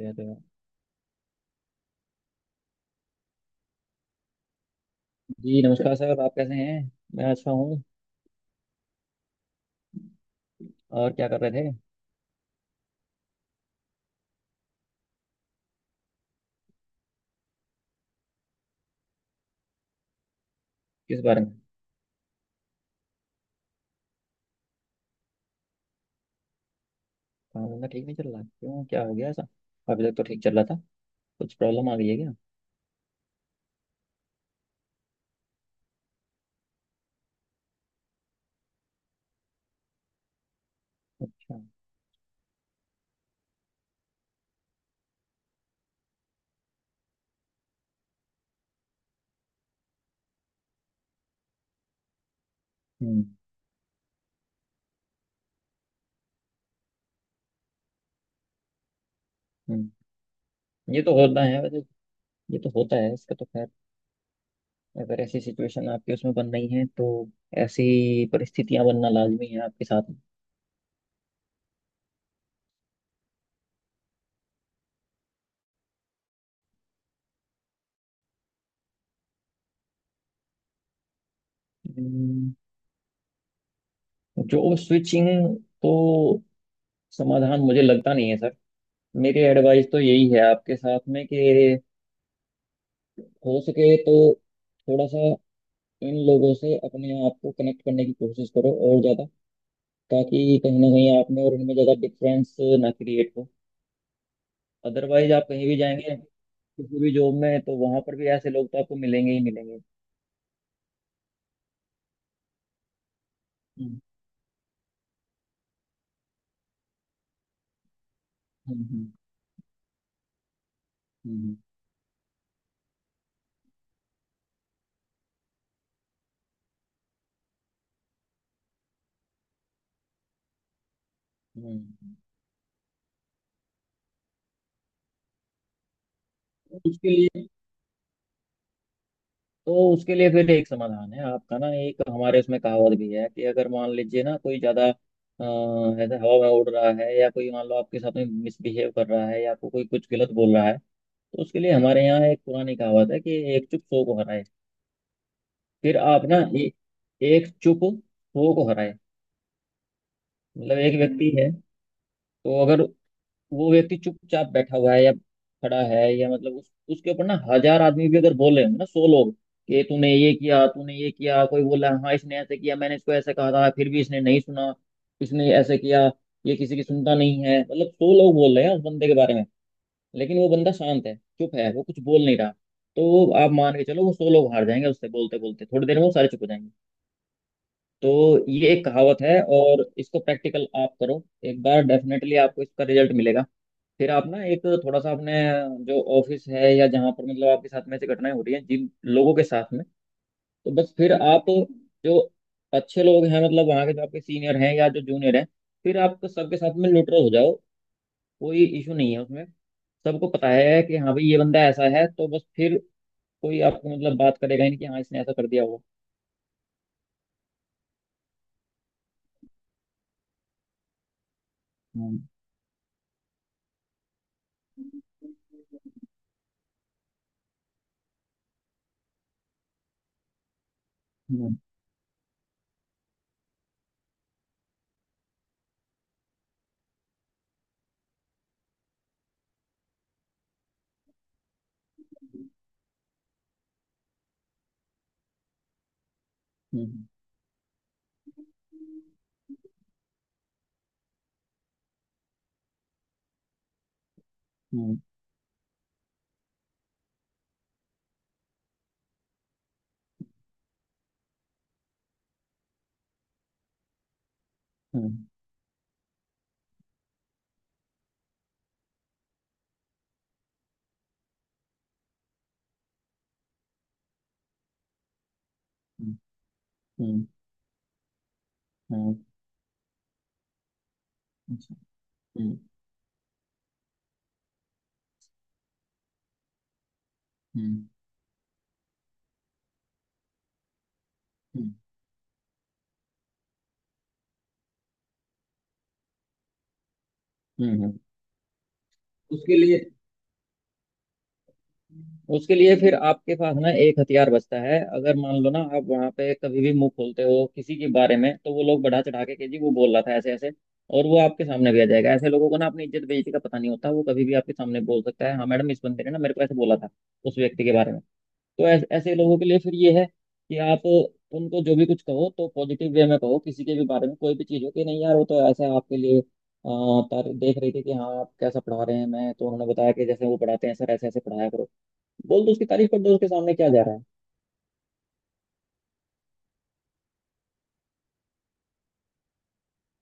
या तो जी नमस्कार सर। आप कैसे हैं। मैं अच्छा हूँ। और क्या कर रहे थे। किस बारे में। काम धंधा ठीक नहीं चल रहा क्यों, क्या हो गया ऐसा। अभी तक तो ठीक चल रहा था। कुछ प्रॉब्लम आ गई है क्या। अच्छा। हम्म। हम्म। ये तो होता है वैसे। ये तो होता है, इसका तो खैर, अगर ऐसी सिचुएशन आपके उसमें बन रही है तो ऐसी परिस्थितियां बनना लाजमी है आपके साथ। जॉब स्विचिंग तो समाधान मुझे लगता नहीं है सर। मेरी एडवाइस तो यही है आपके साथ में कि हो सके तो थोड़ा सा इन लोगों से अपने आप को कनेक्ट करने की कोशिश करो और ज्यादा, ताकि कहीं ना कहीं आप में और इनमें ज्यादा डिफरेंस ना क्रिएट हो। अदरवाइज आप कहीं भी जाएंगे किसी भी जॉब में तो वहां पर भी ऐसे लोग तो आपको मिलेंगे ही मिलेंगे। हम्म। हम्म। हम्म। हम्म, हम्म। तो उसके लिए तो उसके लिए फिर एक समाधान है आपका ना। एक हमारे उसमें कहावत भी है कि अगर मान लीजिए ना कोई ज्यादा ऐसे हवा में उड़ रहा है या कोई मान लो आपके साथ में मिसबिहेव कर रहा है या आपको कोई कुछ गलत बोल रहा है, तो उसके लिए हमारे यहाँ एक पुरानी कहावत है कि एक चुप सौ को हराए। फिर आप ना एक चुप सौ को हराए। मतलब एक व्यक्ति है, तो अगर वो व्यक्ति चुपचाप बैठा हुआ है या खड़ा है या मतलब उसके ऊपर ना हजार आदमी भी अगर बोल रहे हो ना, सौ लोग कि तूने ये किया, तूने ये किया, कोई बोला हाँ इसने ऐसे किया, मैंने इसको ऐसे कहा था फिर भी इसने नहीं सुना, इसने ऐसे किया, ये किसी की सुनता नहीं है, मतलब सौ लोग बोल रहे हैं उस बंदे के बारे में, लेकिन वो बंदा शांत है, चुप है, वो कुछ बोल नहीं रहा, तो आप मान के चलो वो सौ लोग हार जाएंगे। उससे बोलते बोलते थोड़ी देर में वो सारे चुप हो जाएंगे। तो ये एक कहावत है, और इसको प्रैक्टिकल आप करो, एक बार डेफिनेटली आपको इसका रिजल्ट मिलेगा। फिर आप ना एक थोड़ा सा अपने जो ऑफिस है या जहाँ पर मतलब आपके साथ में ऐसी घटनाएं हो रही हैं जिन लोगों के साथ में, तो बस फिर आप जो अच्छे लोग हैं मतलब वहाँ के, जो आपके सीनियर हैं या जो जूनियर हैं, फिर आप सबके साथ में न्यूट्रल हो जाओ। कोई इशू नहीं है उसमें। सबको पता है कि हाँ भाई ये बंदा ऐसा है, तो बस फिर कोई आपको मतलब बात करेगा ही नहीं कि हाँ इसने ऐसा कर दिया होगा। हम्म। हम्म। हम्म। हम्म। हम्म। हम्म। हम्म, हम्म, अच्छा, अच्छा। हम्म, हम्म, हम्म, हम्म। उसके लिए उसके लिए फिर आपके पास ना एक हथियार बचता है। अगर मान लो ना आप वहां पे कभी भी मुंह खोलते हो किसी के बारे में, तो वो लोग बढ़ा चढ़ा के कि जी वो बोल रहा था ऐसे ऐसे, और वो आपके सामने भी आ जाएगा। ऐसे लोगों को ना अपनी इज्जत बेइज्जती का पता नहीं होता, वो कभी भी आपके सामने बोल सकता है, हाँ मैडम इस बंदे ने ना मेरे को ऐसे बोला था उस व्यक्ति के बारे में। तो ऐसे ऐसे लोगों के लिए फिर ये है कि आप उनको जो भी कुछ कहो तो पॉजिटिव वे में कहो, किसी के भी बारे में कोई भी चीज़ हो कि नहीं यार वो तो ऐसा आपके लिए देख रही थी कि हाँ आप कैसा पढ़ा रहे हैं, मैं तो, उन्होंने बताया कि जैसे वो पढ़ाते हैं सर, ऐसे ऐसे पढ़ाया करो। बोल दो, उसकी तारीफ कर दो उसके सामने, क्या जा रहा है।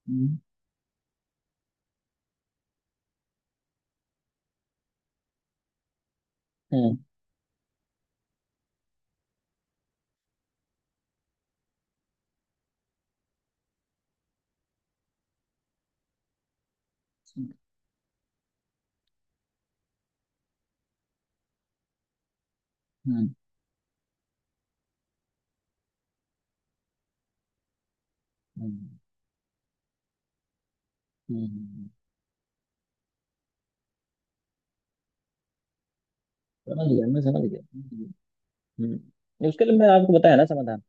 हम्म, हम्म, हम्म, हम्म, हम्म, समझ गया, मैं समझ गया। हम्म। नहीं, उसके लिए मैं आपको बताया ना समाधान।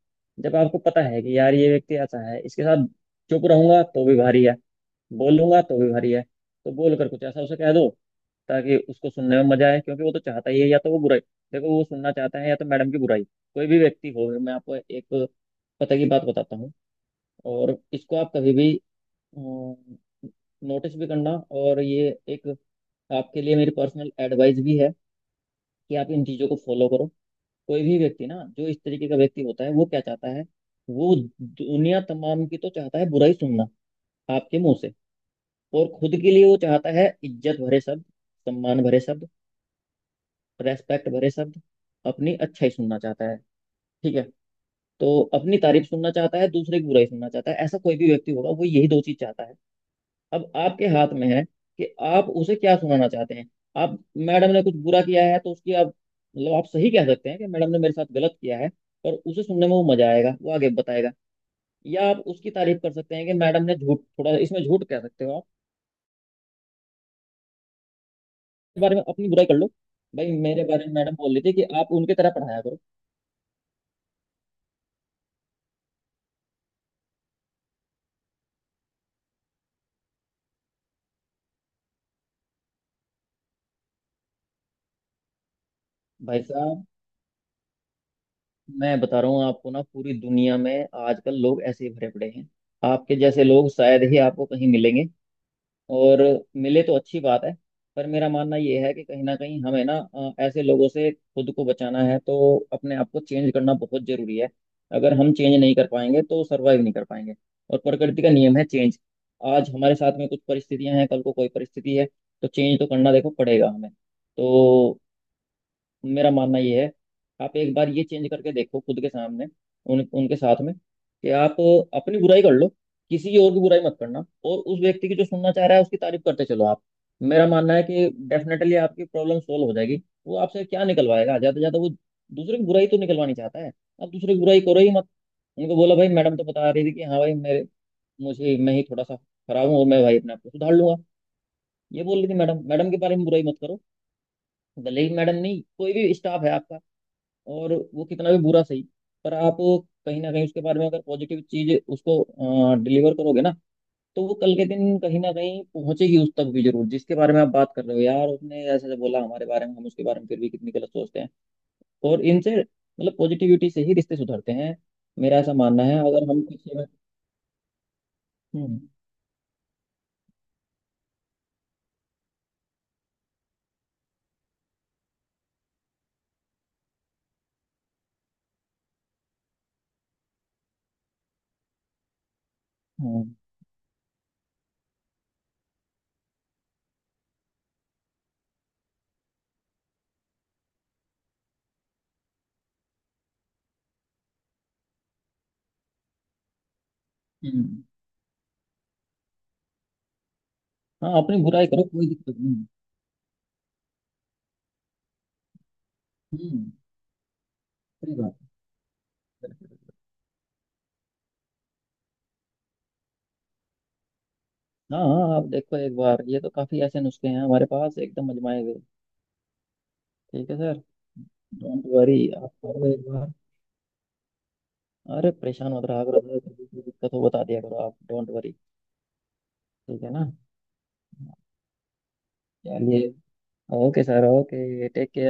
जब आपको पता है कि यार ये व्यक्ति ऐसा है, इसके साथ चुप रहूंगा तो भी भारी है, बोलूंगा तो भी भारी है। तो बोल कर कुछ ऐसा उसे कह दो ताकि उसको सुनने में मजा आए, क्योंकि वो तो चाहता ही है, या तो वो बुराई, देखो वो सुनना चाहता है या तो मैडम की बुराई। कोई भी व्यक्ति हो, मैं आपको एक पता की बात बताता हूँ, और इसको आप कभी भी नोटिस भी करना। और ये एक आपके लिए मेरी पर्सनल एडवाइस भी है कि आप इन चीज़ों को फॉलो करो। कोई भी व्यक्ति ना जो इस तरीके का व्यक्ति होता है वो क्या चाहता है, वो दुनिया तमाम की तो चाहता है बुराई सुनना आपके मुंह से, और खुद के लिए वो चाहता है इज्जत भरे शब्द, सम्मान भरे शब्द, रेस्पेक्ट भरे शब्द, अपनी अच्छाई सुनना चाहता है। ठीक है। तो अपनी तारीफ सुनना चाहता है, दूसरे की बुराई सुनना चाहता है। ऐसा कोई भी व्यक्ति होगा वो यही दो चीज चाहता है। अब आपके हाथ में है कि आप उसे क्या सुनाना चाहते हैं। आप मैडम ने कुछ बुरा किया है तो उसकी आप मतलब आप सही कह सकते हैं कि मैडम ने मेरे साथ गलत किया है, पर उसे सुनने में वो मजा आएगा, वो आगे बताएगा। या आप उसकी तारीफ कर सकते हैं कि मैडम ने, झूठ थोड़ा इसमें झूठ कह सकते हो आप। इस बारे में अपनी बुराई कर लो भाई, मेरे बारे में मैडम बोल रही थी कि आप उनकी तरह पढ़ाया करो। भाई साहब, मैं बता रहा हूँ आपको ना, पूरी दुनिया में आजकल लोग ऐसे ही भरे पड़े हैं। आपके जैसे लोग शायद ही आपको कहीं मिलेंगे, और मिले तो अच्छी बात है। पर मेरा मानना ये है कि कहीं ना कहीं हमें ना ऐसे लोगों से खुद को बचाना है तो अपने आप को चेंज करना बहुत जरूरी है। अगर हम चेंज नहीं कर पाएंगे तो सर्वाइव नहीं कर पाएंगे। और प्रकृति का नियम है चेंज। आज हमारे साथ में कुछ परिस्थितियां हैं, कल को कोई परिस्थिति है, तो चेंज तो करना देखो पड़ेगा हमें तो। मेरा मानना ये है, आप एक बार ये चेंज करके देखो खुद के सामने उन, उनके साथ में कि आप अपनी बुराई कर लो, किसी और की बुराई मत करना, और उस व्यक्ति की जो सुनना चाह रहा है उसकी तारीफ करते चलो आप। मेरा मानना है कि डेफिनेटली आपकी प्रॉब्लम सोल्व हो जाएगी। वो आपसे क्या निकलवाएगा, ज्यादा से ज्यादा वो दूसरे की बुराई तो निकलवानी चाहता है, आप दूसरे की बुराई करो ही मत। उनको बोला भाई मैडम तो बता रही थी कि हाँ भाई मेरे, मुझे, मैं ही थोड़ा सा खराब हूँ और मैं भाई अपने आप को सुधार लूंगा, ये बोल रही थी मैडम। मैडम के बारे में बुराई मत करो। भले ही मैडम नहीं कोई भी स्टाफ है आपका, और वो कितना भी बुरा सही, पर आप कहीं ना कहीं उसके बारे में अगर पॉजिटिव चीज उसको डिलीवर करोगे ना, तो वो कल के दिन कहीं ना कहीं पहुंचेगी उस तक भी जरूर, जिसके बारे में आप बात कर रहे हो, यार उसने ऐसे बोला हमारे बारे में, हम उसके बारे में फिर भी कितनी गलत सोचते हैं। और इनसे, मतलब पॉजिटिविटी से ही रिश्ते सुधरते हैं, मेरा ऐसा मानना है, अगर हम किसी में। हम्म। हम्म। हम्म। हाँ, अपनी बुराई करो, कोई दिक्कत नहीं। हम्म। सही बात है। हाँ हाँ, आप देखो एक बार, ये तो काफी ऐसे नुस्खे हैं हमारे पास एकदम अजमाए हुए। ठीक है सर। डोंट वरी, आप करो एक बार। अरे परेशान मत रहा करो सर, कभी कोई दिक्कत हो बता दिया करो आप, डोंट वरी। ठीक है ना। चलिए। Okay sir, okay, take care.